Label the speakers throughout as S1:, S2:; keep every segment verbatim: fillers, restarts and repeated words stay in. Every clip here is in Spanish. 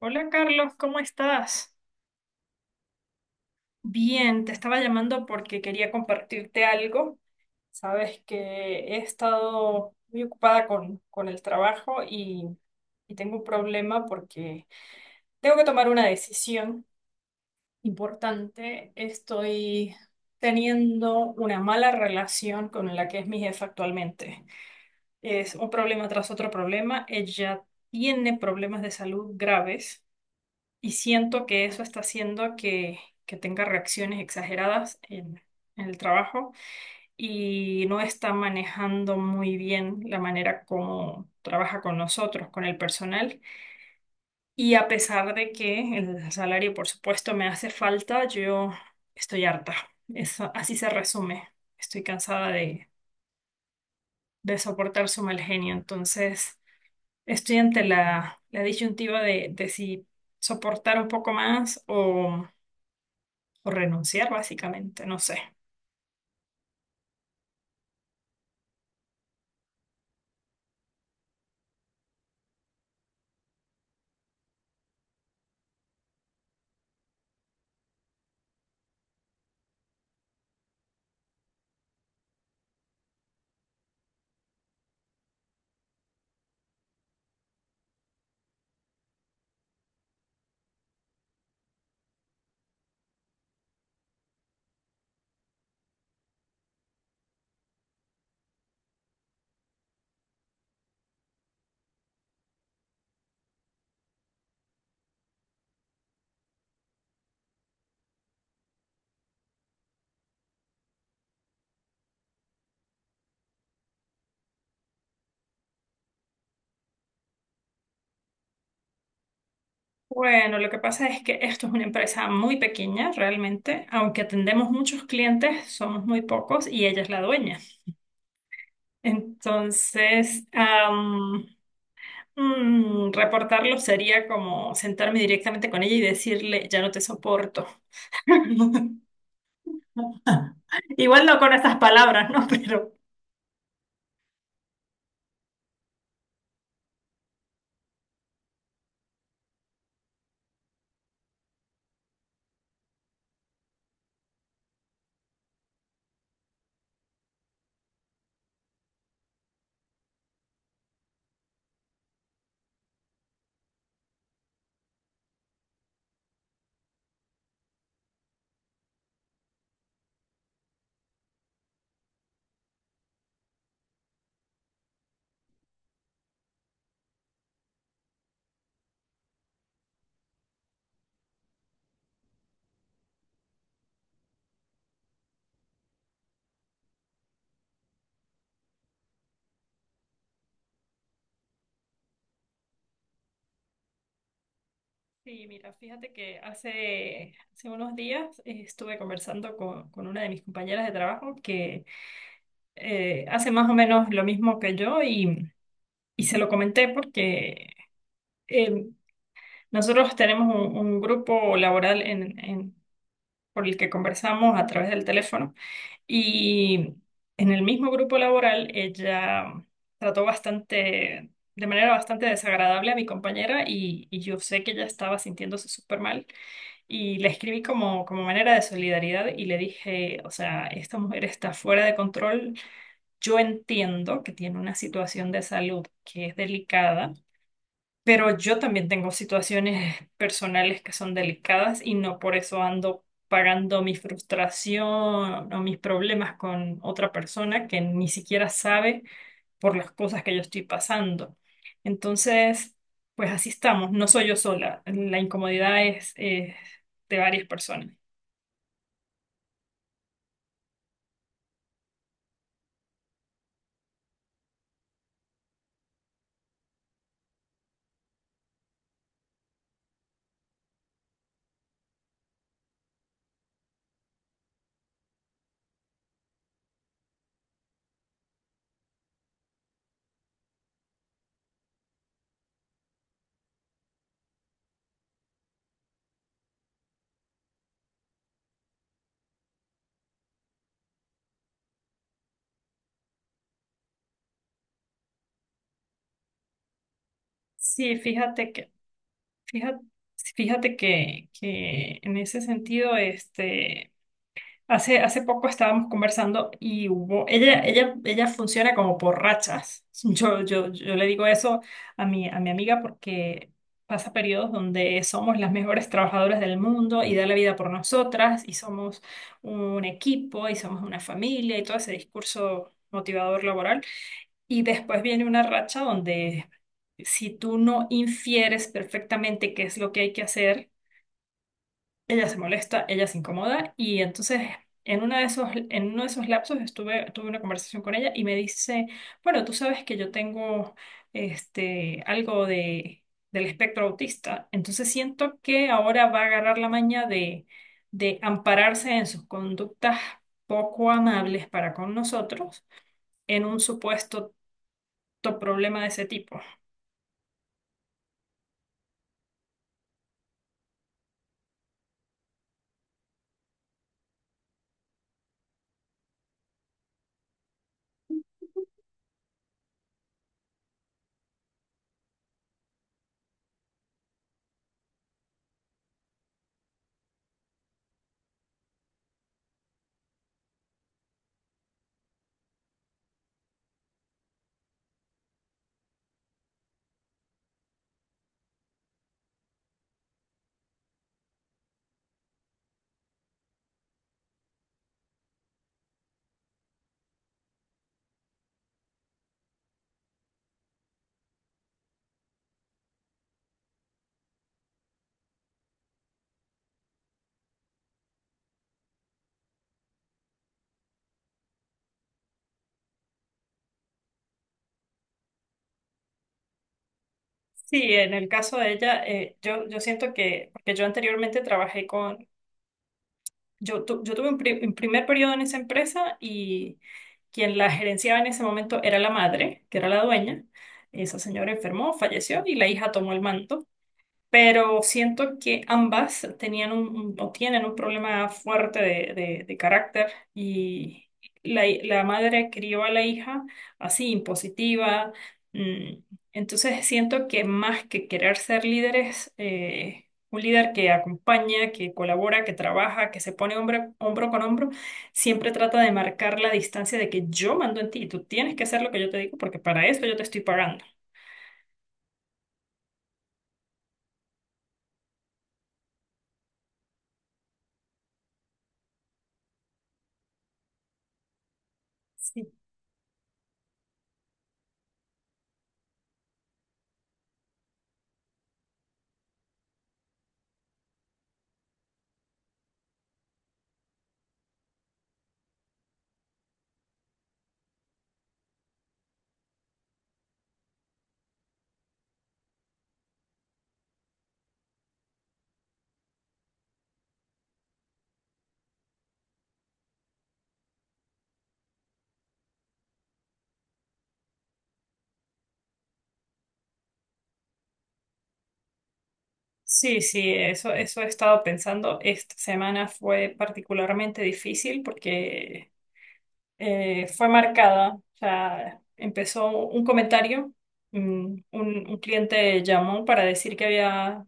S1: Hola Carlos, ¿cómo estás? Bien, te estaba llamando porque quería compartirte algo. Sabes que he estado muy ocupada con, con el trabajo y, y tengo un problema porque tengo que tomar una decisión importante. Estoy teniendo una mala relación con la que es mi jefa actualmente. Es un problema tras otro problema. Ella tiene problemas de salud graves. Y siento que eso está haciendo que, que tenga reacciones exageradas en, en el trabajo y no está manejando muy bien la manera como trabaja con nosotros, con el personal. Y a pesar de que el salario, por supuesto, me hace falta, yo estoy harta. Eso, así se resume. Estoy cansada de, de soportar su mal genio. Entonces, estoy ante la, la disyuntiva de, de si soportar un poco más o renunciar básicamente, no sé. Bueno, lo que pasa es que esto es una empresa muy pequeña realmente, aunque atendemos muchos clientes, somos muy pocos y ella es la dueña. Entonces, am, mm, reportarlo sería como sentarme directamente con ella y decirle, ya no te soporto. Igual no con esas palabras, ¿no? Pero... Sí, mira, fíjate que hace, hace unos días eh, estuve conversando con, con una de mis compañeras de trabajo que eh, hace más o menos lo mismo que yo y, y se lo comenté porque eh, nosotros tenemos un, un grupo laboral en, en- por el que conversamos a través del teléfono y en el mismo grupo laboral ella trató bastante, de manera bastante desagradable a mi compañera y, y yo sé que ella estaba sintiéndose súper mal y le escribí como, como manera de solidaridad y le dije, o sea, esta mujer está fuera de control. Yo entiendo que tiene una situación de salud que es delicada, pero yo también tengo situaciones personales que son delicadas y no por eso ando pagando mi frustración o mis problemas con otra persona que ni siquiera sabe por las cosas que yo estoy pasando. Entonces, pues así estamos, no soy yo sola, la incomodidad es, es de varias personas. Sí, fíjate que Fíjate, fíjate que, que en ese sentido, este, hace, hace poco estábamos conversando y hubo, ella, ella, ella funciona como por rachas. Yo, yo, yo le digo eso a mi, a mi amiga porque pasa periodos donde somos las mejores trabajadoras del mundo y da la vida por nosotras y somos un equipo y somos una familia y todo ese discurso motivador laboral. Y después viene una racha donde si tú no infieres perfectamente qué es lo que hay que hacer, ella se molesta, ella se incomoda y entonces en una de esos, en uno de esos lapsos estuve, tuve una conversación con ella y me dice, bueno, tú sabes que yo tengo este, algo de, del espectro autista, entonces siento que ahora va a agarrar la maña de, de ampararse en sus conductas poco amables para con nosotros en un supuesto problema de ese tipo. Sí, en el caso de ella, eh, yo, yo siento que, porque yo anteriormente trabajé con, yo, tu- yo tuve un, pri- un primer periodo en esa empresa y quien la gerenciaba en ese momento era la madre, que era la dueña. Esa señora enfermó, falleció y la hija tomó el manto, pero siento que ambas tenían un, un- o tienen un problema fuerte de, de- de carácter y la, hi- la madre crió a la hija así, impositiva. mm, Entonces siento que más que querer ser líderes, eh, un líder que acompaña, que colabora, que trabaja, que se pone hombre- hombro con hombro, siempre trata de marcar la distancia de que yo mando en ti y tú tienes que hacer lo que yo te digo porque para eso yo te estoy pagando. Sí, sí, eso, eso he estado pensando. Esta semana fue particularmente difícil porque eh, fue marcada. O sea, empezó un comentario, mm, un, un cliente llamó para decir que había,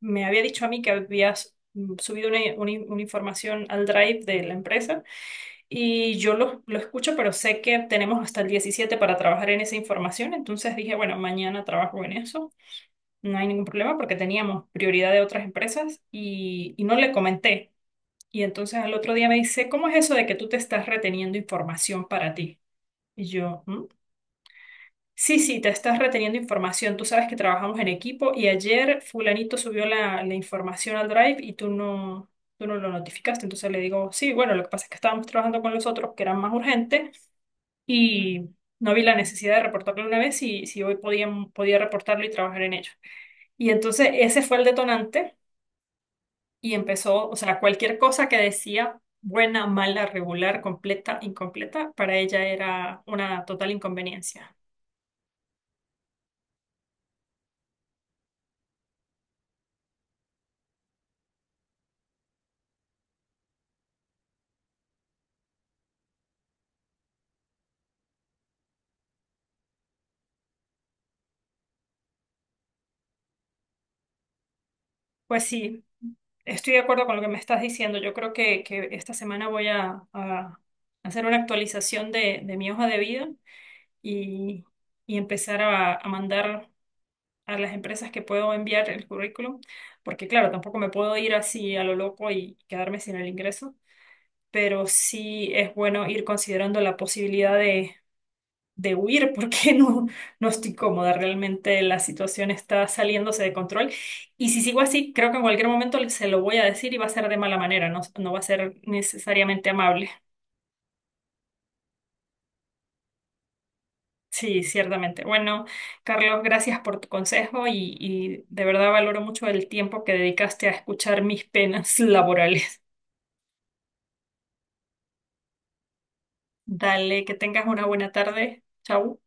S1: me había dicho a mí que habías mm, subido una, una- una información al Drive de la empresa y yo lo, lo escucho, pero sé que tenemos hasta el diecisiete para trabajar en esa información, entonces dije, bueno, mañana trabajo en eso, no hay ningún problema porque teníamos prioridad de otras empresas y, y no le comenté. Y entonces al otro día me dice, ¿cómo es eso de que tú te estás reteniendo información para ti? Y yo, "¿Mm? Sí, sí, te estás reteniendo información. Tú sabes que trabajamos en equipo y ayer fulanito subió la, la información al Drive y tú no, tú no lo notificaste." Entonces le digo, sí, bueno, lo que pasa es que estábamos trabajando con los otros que eran más urgentes y no vi la necesidad de reportarlo una vez y si hoy podía, podía reportarlo y trabajar en ello. Y entonces ese fue el detonante y empezó, o sea, cualquier cosa que decía, buena, mala, regular, completa, incompleta, para ella era una total inconveniencia. Pues sí, estoy de acuerdo con lo que me estás diciendo. Yo creo que, que esta semana voy a, a hacer una actualización de, de mi hoja de vida y, y empezar a, a mandar a las empresas que puedo enviar el currículum, porque claro, tampoco me puedo ir así a lo loco y quedarme sin el ingreso, pero sí es bueno ir considerando la posibilidad de de huir porque no, no estoy cómoda. Realmente la situación está saliéndose de control. Y si sigo así, creo que en cualquier momento se lo voy a decir y va a ser de mala manera, no, no va a ser necesariamente amable. Sí, ciertamente. Bueno, Carlos, gracias por tu consejo y, y de verdad valoro mucho el tiempo que dedicaste a escuchar mis penas laborales. Dale, que tengas una buena tarde. Chau.